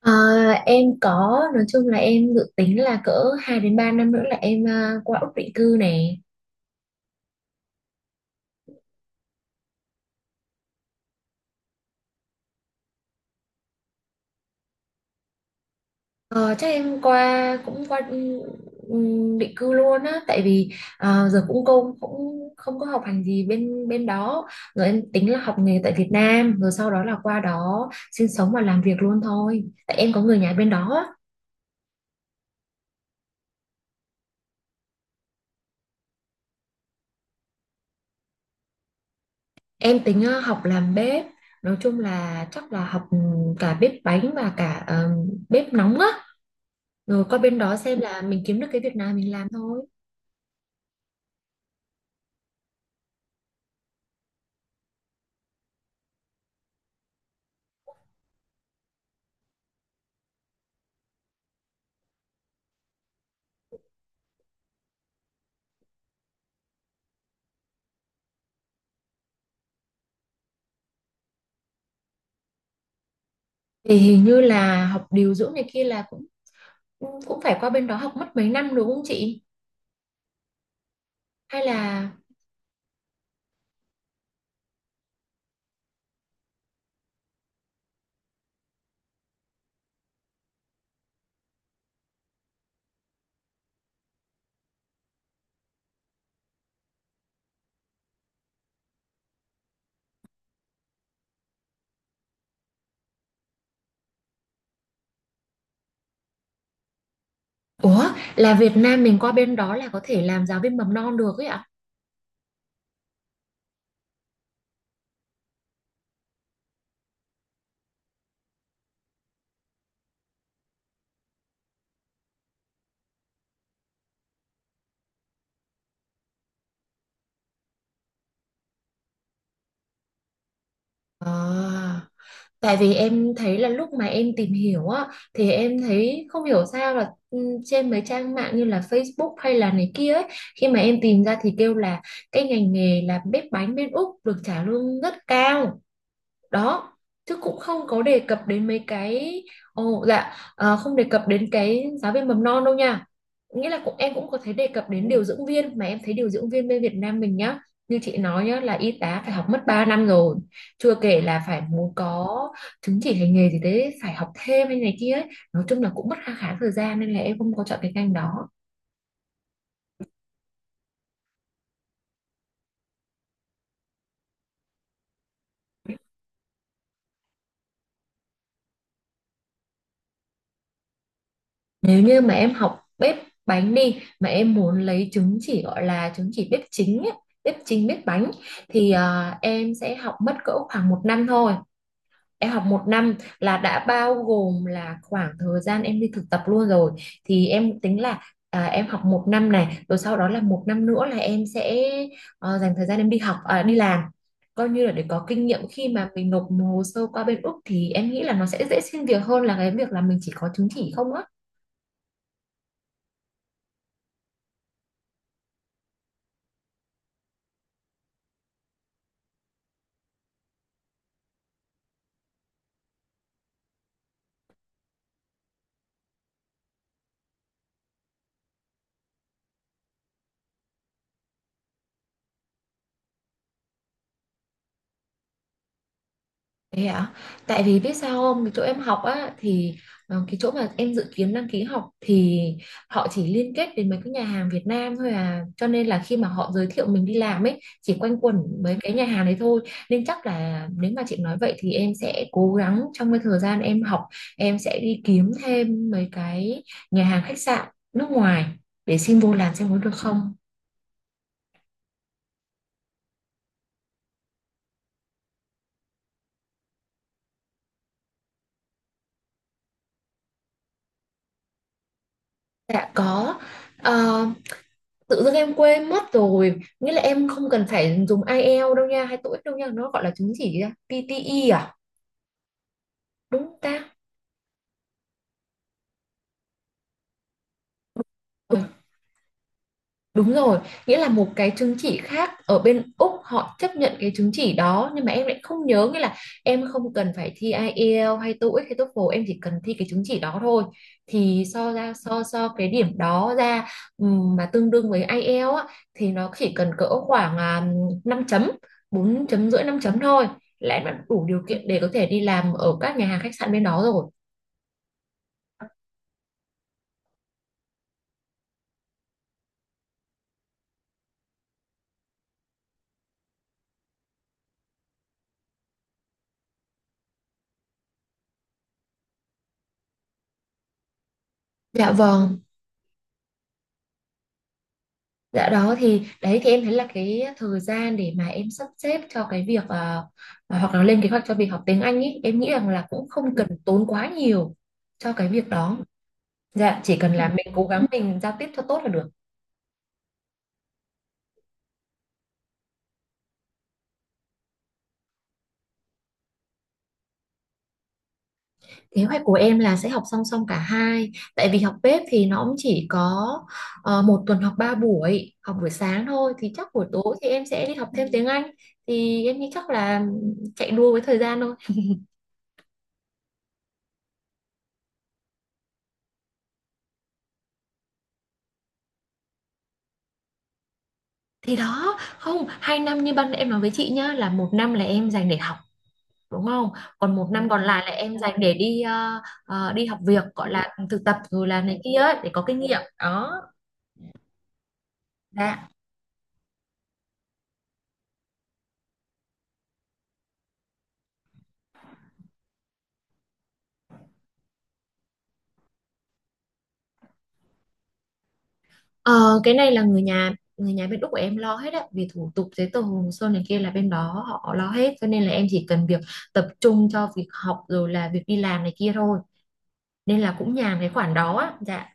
Ờ, em có, nói chung là em dự tính là cỡ 2 đến 3 năm nữa là em qua Úc định cư này. Ờ, Chắc em qua cũng qua, định cư luôn á, tại vì giờ cũng công cũng không có học hành gì bên bên đó. Rồi em tính là học nghề tại Việt Nam, rồi sau đó là qua đó sinh sống và làm việc luôn thôi, tại em có người nhà bên đó á. Em tính học làm bếp, nói chung là chắc là học cả bếp bánh và cả bếp nóng á, rồi qua bên đó xem là mình kiếm được cái việc nào mình làm thôi. Thì hình như là học điều dưỡng này kia là cũng cũng phải qua bên đó học mất mấy năm, đúng không chị? Hay là, ủa, là Việt Nam mình qua bên đó là có thể làm giáo viên mầm non được ấy ạ? à, Tại vì em thấy là lúc mà em tìm hiểu á thì em thấy không hiểu sao là, trên mấy trang mạng như là Facebook hay là này kia ấy, khi mà em tìm ra thì kêu là cái ngành nghề là bếp bánh bên Úc được trả lương rất cao đó, chứ cũng không có đề cập đến mấy cái. Ồ, dạ, không đề cập đến cái giáo viên mầm non đâu nha. Nghĩa là cũng em cũng có thể đề cập đến điều dưỡng viên, mà em thấy điều dưỡng viên bên Việt Nam mình nhá, như chị nói nhá, là y tá phải học mất 3 năm rồi, chưa kể là phải muốn có chứng chỉ hành nghề gì đấy, phải học thêm hay này kia ấy. Nói chung là cũng mất khá khá thời gian, nên là em không có chọn cái ngành đó. Nếu như mà em học bếp bánh đi, mà em muốn lấy chứng chỉ gọi là chứng chỉ bếp chính ấy, bếp chính bếp bánh, thì em sẽ học mất cỡ khoảng 1 năm thôi. Em học 1 năm là đã bao gồm là khoảng thời gian em đi thực tập luôn rồi. Thì em tính là em học một năm này, rồi sau đó là 1 năm nữa là em sẽ dành thời gian em đi học, đi làm. Coi như là để có kinh nghiệm, khi mà mình nộp hồ sơ qua bên Úc thì em nghĩ là nó sẽ dễ xin việc hơn là cái việc là mình chỉ có chứng chỉ không á. Thế ạ? Tại vì biết sao không, cái chỗ em học á thì, cái chỗ mà em dự kiến đăng ký học thì họ chỉ liên kết đến mấy cái nhà hàng Việt Nam thôi à. Cho nên là khi mà họ giới thiệu mình đi làm ấy, chỉ quanh quẩn mấy cái nhà hàng đấy thôi. Nên chắc là nếu mà chị nói vậy thì em sẽ cố gắng trong cái thời gian em học, em sẽ đi kiếm thêm mấy cái nhà hàng khách sạn nước ngoài để xin vô làm xem có được không. Dạ có. Ờ, Tự dưng em quên mất rồi, nghĩa là em không cần phải dùng IELTS đâu nha, hay TOEIC đâu nha, nó gọi là chứng chỉ gì ta? PTE à, đúng không ta? Ừ, ừ. Đúng rồi, nghĩa là một cái chứng chỉ khác ở bên Úc họ chấp nhận cái chứng chỉ đó, nhưng mà em lại không nhớ, nghĩa là em không cần phải thi IELTS hay TOEIC hay TOEFL, em chỉ cần thi cái chứng chỉ đó thôi, thì so ra so so cái điểm đó ra, mà tương đương với IELTS á, thì nó chỉ cần cỡ khoảng 5 chấm, 4.5, 5 chấm thôi, là em đã đủ điều kiện để có thể đi làm ở các nhà hàng khách sạn bên đó rồi. Dạ vâng. Dạ đó thì đấy thì em thấy là cái thời gian để mà em sắp xếp cho cái việc hoặc là lên kế hoạch cho việc học tiếng Anh ý, em nghĩ rằng là cũng không cần tốn quá nhiều cho cái việc đó, dạ, chỉ cần là mình cố gắng mình giao tiếp cho tốt là được. Kế hoạch của em là sẽ học song song cả hai, tại vì học bếp thì nó cũng chỉ có một tuần học 3 buổi, học buổi sáng thôi, thì chắc buổi tối thì em sẽ đi học thêm tiếng Anh. Thì em nghĩ chắc là chạy đua với thời gian thôi. Thì đó, không, 2 năm như ban nãy em nói với chị nhá, là 1 năm là em dành để học, đúng không? Còn một, ừ, năm còn lại là em dành để đi đi học việc, gọi là thực tập rồi là này kia ấy, để có kinh nghiệm. Đó. Dạ. Ờ, cái này là người nhà bên Úc của em lo hết á, vì thủ tục giấy tờ hồ sơ này kia là bên đó họ lo hết, cho nên là em chỉ cần việc tập trung cho việc học rồi là việc đi làm này kia thôi, nên là cũng nhàn cái khoản đó á. Dạ.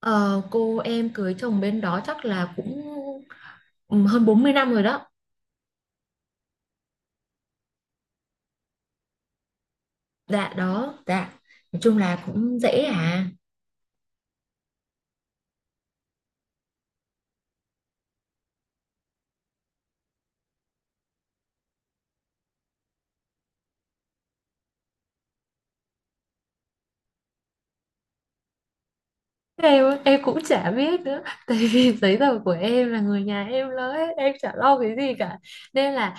Ờ, cô em cưới chồng bên đó chắc là cũng, ừ, hơn 40 năm rồi đó. Dạ đó, dạ. Nói chung là cũng dễ à. Em á, em cũng chả biết nữa tại vì giấy tờ của em là người nhà em lo hết, em chả lo cái gì cả, nên là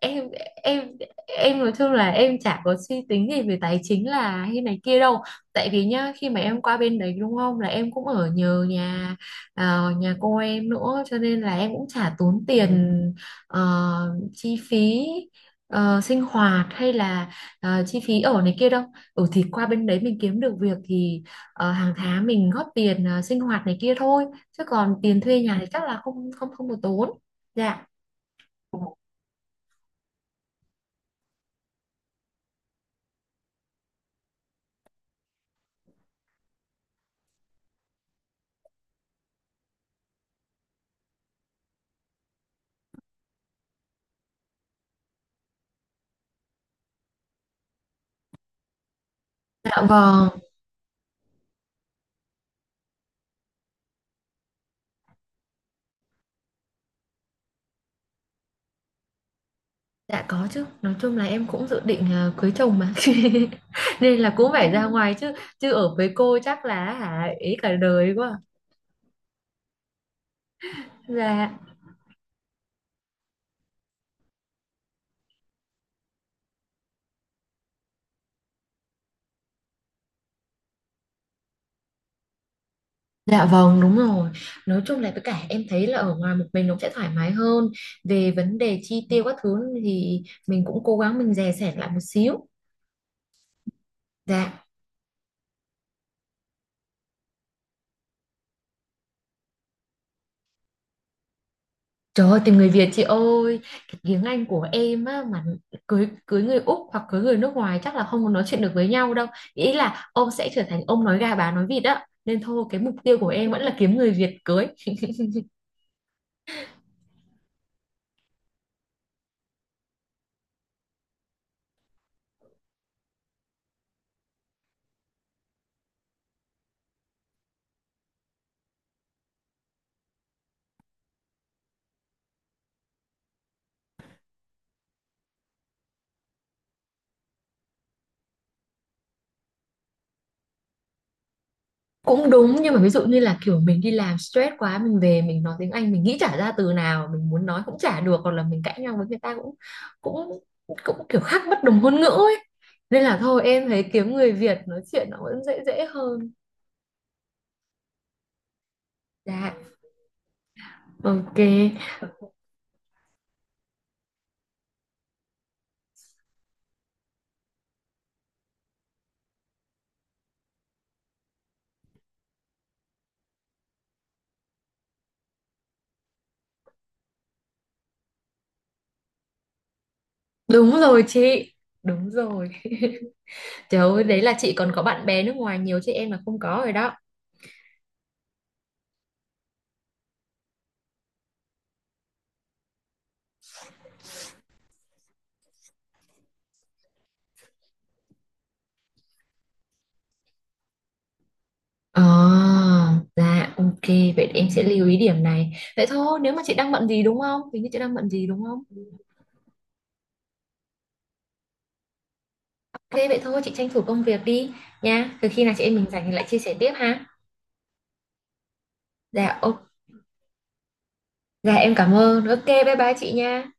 em em em nói chung là em chả có suy tính gì về tài chính là hay này kia đâu. Tại vì nhá, khi mà em qua bên đấy, đúng không, là em cũng ở nhờ nhà, nhà cô em nữa, cho nên là em cũng chả tốn tiền, ờ, chi phí sinh hoạt hay là chi phí ở này kia đâu. Ừ thì qua bên đấy mình kiếm được việc thì, hàng tháng mình góp tiền, sinh hoạt này kia thôi, chứ còn tiền thuê nhà thì chắc là không không không có tốn. Dạ. Dạ vâng. Dạ có chứ, nói chung là em cũng dự định cưới chồng mà nên là cũng phải ra ngoài chứ, chứ ở với cô chắc là hả ý cả đời quá. Dạ. Dạ vâng, đúng rồi. Nói chung là với cả em thấy là ở ngoài một mình nó sẽ thoải mái hơn về vấn đề chi tiêu các thứ, thì mình cũng cố gắng mình dè sẻn lại một xíu. Dạ. Trời ơi, tìm người Việt chị ơi! Cái tiếng Anh của em á, mà cưới cưới người Úc hoặc cưới người nước ngoài chắc là không có nói chuyện được với nhau đâu. Ý là ông sẽ trở thành ông nói gà bà nói vịt á. Nên thôi, cái mục tiêu của em vẫn là kiếm người Việt cưới. Cũng đúng, nhưng mà ví dụ như là kiểu mình đi làm stress quá, mình về mình nói tiếng Anh mình nghĩ chả ra từ nào, mình muốn nói cũng chả được, hoặc là mình cãi nhau với người ta cũng cũng cũng kiểu khác bất đồng ngôn ngữ ấy. Nên là thôi, em thấy kiếm người Việt nói chuyện nó vẫn dễ dễ hơn. Dạ, ok. Đúng rồi chị, đúng rồi. Trời ơi, đấy là chị còn có bạn bè nước ngoài nhiều, chứ em là không có rồi đó. Ờ, dạ, ok, vậy để em sẽ lưu ý điểm này. Vậy thôi, nếu mà chị đang bận gì đúng không? Hình như chị đang bận gì đúng không? Ok, vậy thôi, chị tranh thủ công việc đi nha. Từ khi nào chị em mình rảnh thì lại chia sẻ tiếp ha. Dạ, ok, dạ em cảm ơn. Ok, bye bye chị nha.